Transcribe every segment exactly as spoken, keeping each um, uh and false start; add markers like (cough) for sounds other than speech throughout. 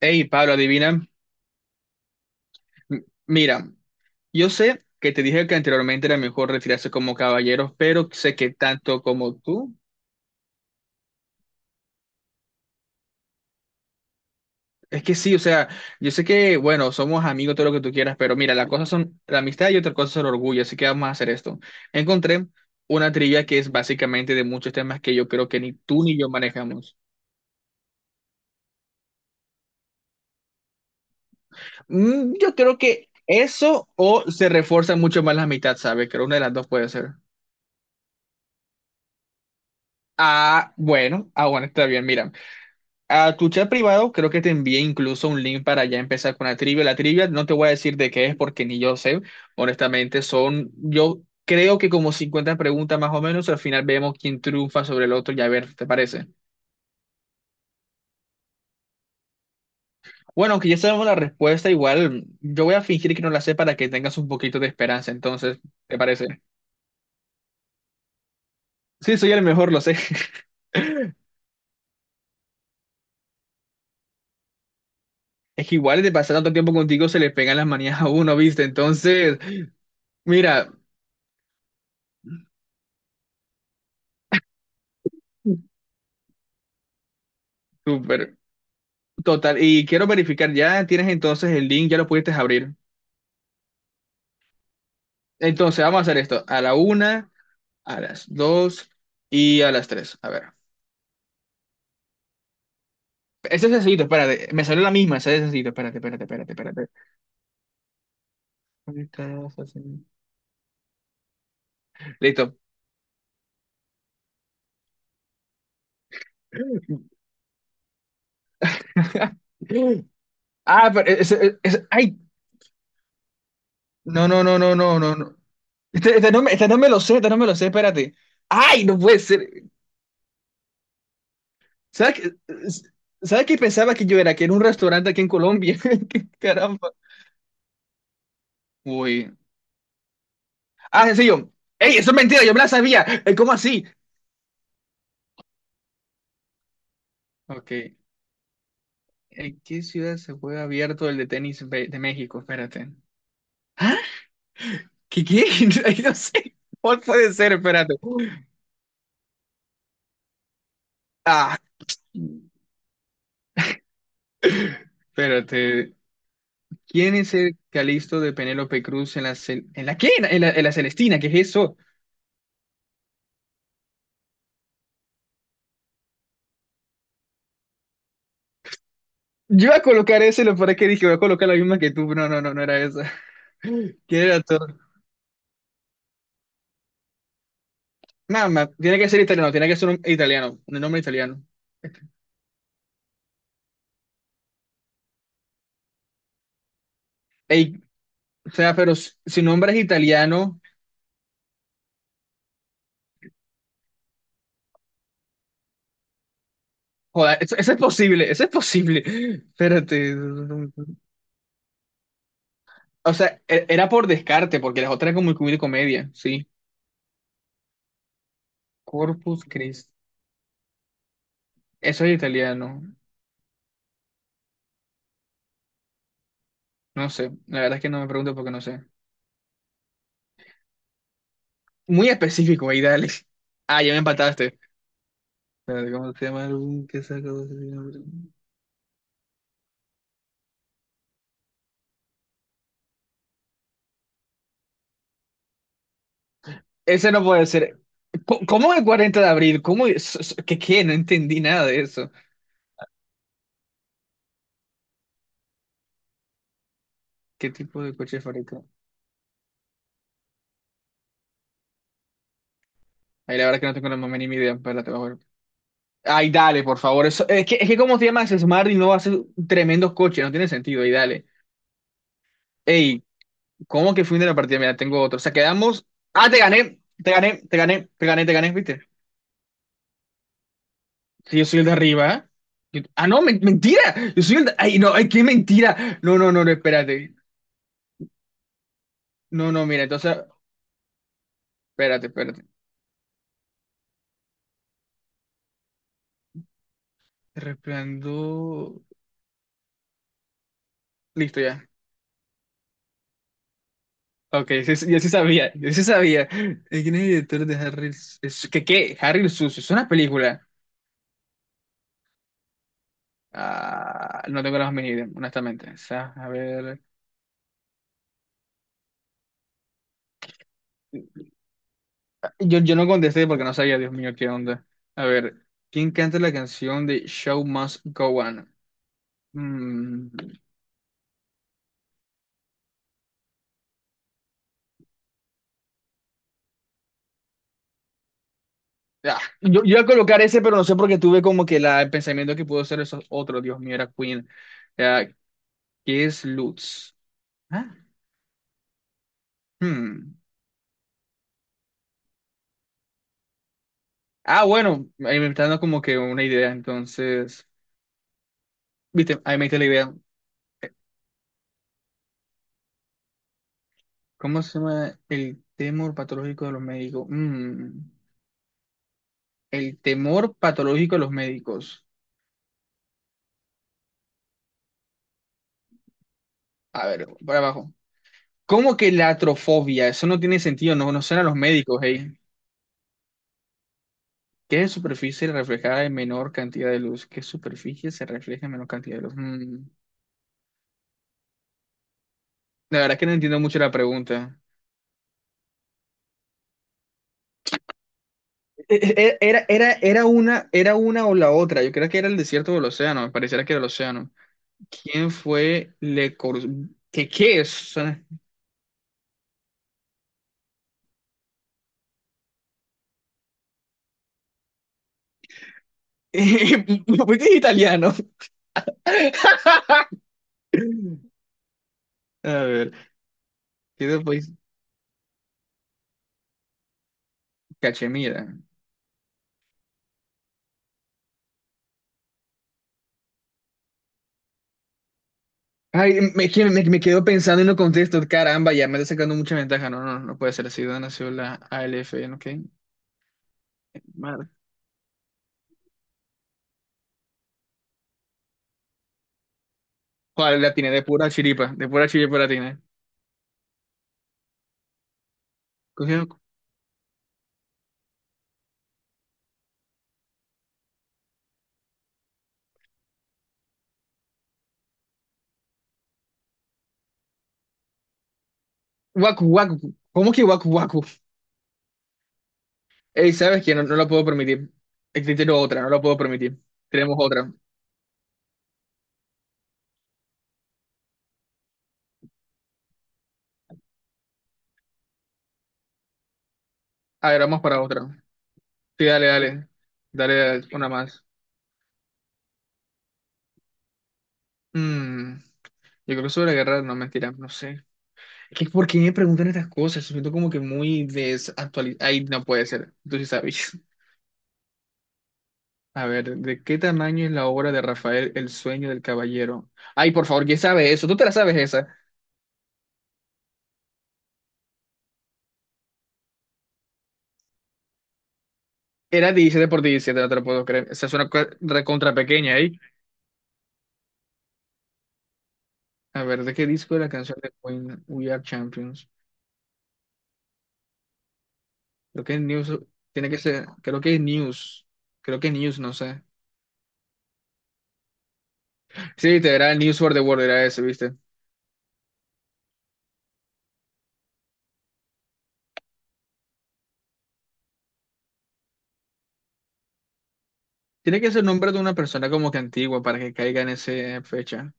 Hey, Pablo, adivina. M- Mira, yo sé que te dije que anteriormente era mejor retirarse como caballeros, pero sé que tanto como tú. Es que sí, o sea, yo sé que, bueno, somos amigos, todo lo que tú quieras, pero mira, las cosas son la amistad y otra cosa es el orgullo, así que vamos a hacer esto. Encontré una trivia que es básicamente de muchos temas que yo creo que ni tú ni yo manejamos. Mm, yo creo que eso o se refuerza mucho más la amistad, ¿sabes? Creo una de las dos puede ser. Ah, bueno, ah, bueno, está bien, mira. A tu chat privado creo que te envié incluso un link para ya empezar con la trivia. La trivia no te voy a decir de qué es porque ni yo sé. Honestamente, son, yo creo que como cincuenta preguntas más o menos. Al final vemos quién triunfa sobre el otro y a ver, ¿te parece? Bueno, aunque ya sabemos la respuesta, igual yo voy a fingir que no la sé para que tengas un poquito de esperanza. Entonces, ¿te parece? Sí, soy el mejor, lo sé. (laughs) Es que igual de pasar tanto tiempo contigo se le pegan las manías a uno, ¿viste? Entonces, mira, súper. Total, y quiero verificar, ya tienes entonces el link, ya lo pudiste abrir. Entonces, vamos a hacer esto, a la una, a las dos y a las tres. A ver. Este es sencillito, espérate, me salió la misma, ese es sencillito, espérate, espérate, espérate, espérate. Listo. (laughs) Ah, pero ese- ese- e-, ese- ay, no, no, no, no, no, no, no. Este, este no me, este no me lo sé, este no me lo sé, espérate. Ay, no puede ser. ¿Sabes qué? ¿Sabes qué pensaba que yo era? Que era un restaurante aquí en Colombia. (laughs) Qué caramba. Uy, ah, sencillo. ¡Ey, eso es mentira! Yo me la sabía. Eh, ¿Cómo así? Ok. ¿En qué ciudad se juega abierto el de tenis be- de México? Espérate. ¿Ah? ¿Qué, qué? (laughs) Ay, no sé. ¿Cuál puede ser? Espérate. Ah, espérate. ¿Quién es el Calisto de Penélope Cruz en la, cel- ¿en la qué? En la, en la Celestina, ¿qué es eso? Yo iba a colocar ese, lo para que dije, voy a colocar la misma que tú. No, no, no, no era esa. ¿Quién era todo? Nada más, tiene que ser italiano, tiene que ser un italiano, un nombre italiano. Este, ey, o sea, pero si si nombre es italiano, joder, eso, eso es posible, eso es posible. (laughs) Espérate. O sea, e- era por descarte, porque las otras eran como muy comedia, sí. Corpus Christi. Eso es italiano. No sé, la verdad es que no me pregunto porque no sé. Muy específico, ahí dale. (laughs) Ah, ya me empataste. Espérate, ¿cómo se llama el álbum que saca? ¿Doce de abril? Ese no puede ser. Co- ¿Cómo el cuarenta de abril? ¿Cómo? es- es- ¿Qué, qué? No entendí nada de eso. ¿Qué tipo de coche es favorito? Ahí la verdad es que no tengo la más mínima idea. Espérate, ay, dale, por favor. Eso, es que, es que como se llama ese Smart y no hace tremendos coches, no tiene sentido. Ay, dale. Ey, ¿cómo que fin de la partida? Mira, tengo otro. O sea, quedamos. Ah, te gané, te gané, te gané, te gané, te gané, ¿viste? Sí, yo soy el de arriba. ¿Eh? Yo- Ah, no, men- mentira. Yo soy el de. Ay, no, ay, qué mentira. No, no, no, no, espérate. No, no, mira, entonces, espérate, espérate. Resplandor. Listo, ya. Ok, sí, sí, yo sí sabía, yo sí sabía. Eh, ¿Quién es el director de Harry? el Su- ¿Qué, qué? Harry el Sucio, es una película. Ah, no tengo las medidas, honestamente. O sea, a ver. Yo, yo no contesté porque no sabía, Dios mío, qué onda. A ver, ¿quién canta la canción de Show Must Go On? Mm, ah, yo, yo iba a colocar ese, pero no sé porque tuve como que la, el pensamiento que pudo ser esos otros. Dios mío, era Queen. Ah, ¿qué es Lutz? Ah, hmm. Ah, bueno, ahí me está dando como que una idea. Entonces, viste, ahí me está la idea. ¿Cómo se llama el temor patológico de los médicos? Mm. El temor patológico de los médicos. A ver, para abajo. ¿Cómo que la atrofobia? Eso no tiene sentido, no conocen a los médicos, hey. ¿Qué superficie reflejará en menor cantidad de luz? ¿Qué superficie se refleja en menor cantidad de luz? Mm, La verdad es que no entiendo mucho la pregunta. E- e- Era, era, era una, era una o la otra. Yo creo que era el desierto o el océano. Me pareciera que era el océano. ¿Quién fue Le Corbusier? ¿Qué, qué es? Suena- (laughs) ¿Por qué es italiano? (laughs) A ver, ¿qué Cachemira. Ay, me, que- me, me quedo pensando y no contesto. Caramba, ya me está sacando mucha ventaja. No, no, no no puede ser así. Ciudad nació la ALF, ¿ok? Madre. Joder, la tiene de pura chiripa, de pura chiripa la tiene. Cogió- Guacu, guacu. ¿Cómo que guacu, guacu? Ey, ¿sabes qué? No, no lo puedo permitir. Existe otra, no lo puedo permitir. Tenemos otra. A ver, vamos para otra. Sí, dale, dale. Dale, dale, una más. Mm, yo creo que sobre la guerra, no, mentira, no sé. Es que ¿por qué me preguntan estas cosas? Siento como que muy desactualizado. Ay, no puede ser. Tú sí sabes. (laughs) A ver, ¿de qué tamaño es la obra de Rafael El sueño del caballero? Ay, por favor, ¿quién sabe eso? ¿Tú te la sabes esa? Era diecisiete por diecisiete, no te lo puedo creer. Esa es una co- recontra pequeña ahí. A ver, ¿de qué disco es la canción de Queen We Are Champions? Creo que es News. Tiene que ser. Creo que es News. Creo que News, no sé. Sí, te era News for the World, era ese, ¿viste? Tiene que ser nombre de una persona como que antigua para que caiga en esa fecha.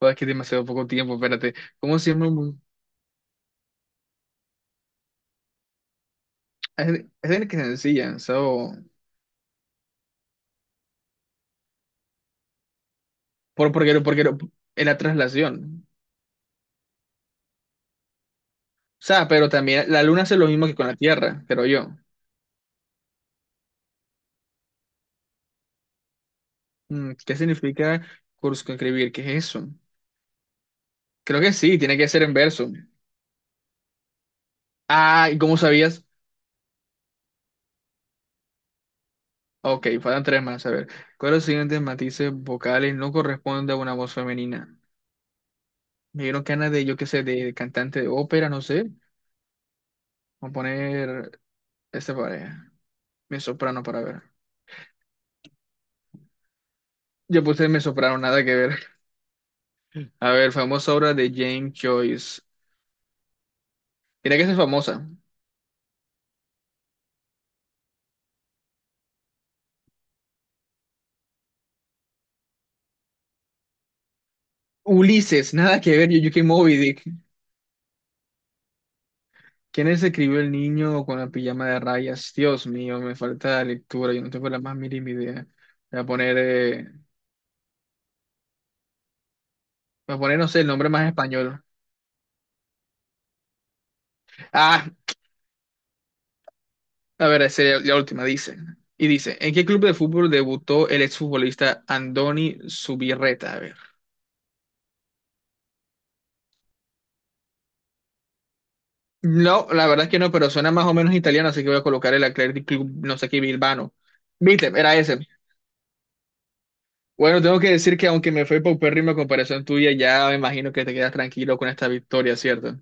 Joder, es que demasiado poco tiempo, espérate. ¿Cómo se llama? mu- Es es el que se ensillan, so, por, porque, porque es la traslación. O sea, pero también la luna hace lo mismo que con la Tierra, creo yo. Mm, ¿Qué significa circunscribir? ¿Qué es eso? Creo que sí, tiene que ser en verso. Ah, ¿y cómo sabías? Ok, faltan tres más, a ver. ¿Cuáles los siguientes matices vocales no corresponde a una voz femenina? Me dieron ganas de, yo qué sé, de cantante de ópera, no sé. Vamos a poner esta pareja, mi soprano para ver. Yo puse me sopraron, nada que ver. A ver, famosa obra de James Joyce. Mira que esa es famosa. Ulises, nada que ver, Yuyuki Moby Dick. ¿Quién es escribió El niño con la pijama de rayas? Dios mío, me falta lectura, yo no tengo la más mínima idea. Voy a poner, eh, voy a poner, no sé, el nombre más español. Ah, a ver, esa es la última, dice. Y dice, ¿en qué club de fútbol debutó el exfutbolista Andoni Zubirreta? No, la verdad es que no, pero suena más o menos italiano, así que voy a colocar el Athletic Club, no sé qué, Bilbao. Viste, era ese. Bueno, tengo que decir que aunque me fue paupérrimo a comparación tuya, ya me imagino que te quedas tranquilo con esta victoria, ¿cierto?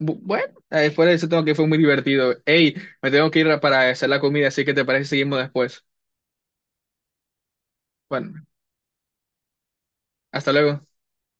Bu- Bueno, eh, fuera de eso tengo que fue muy divertido. Ey, me tengo que ir para hacer la comida, así que te parece que seguimos después. Bueno, hasta luego.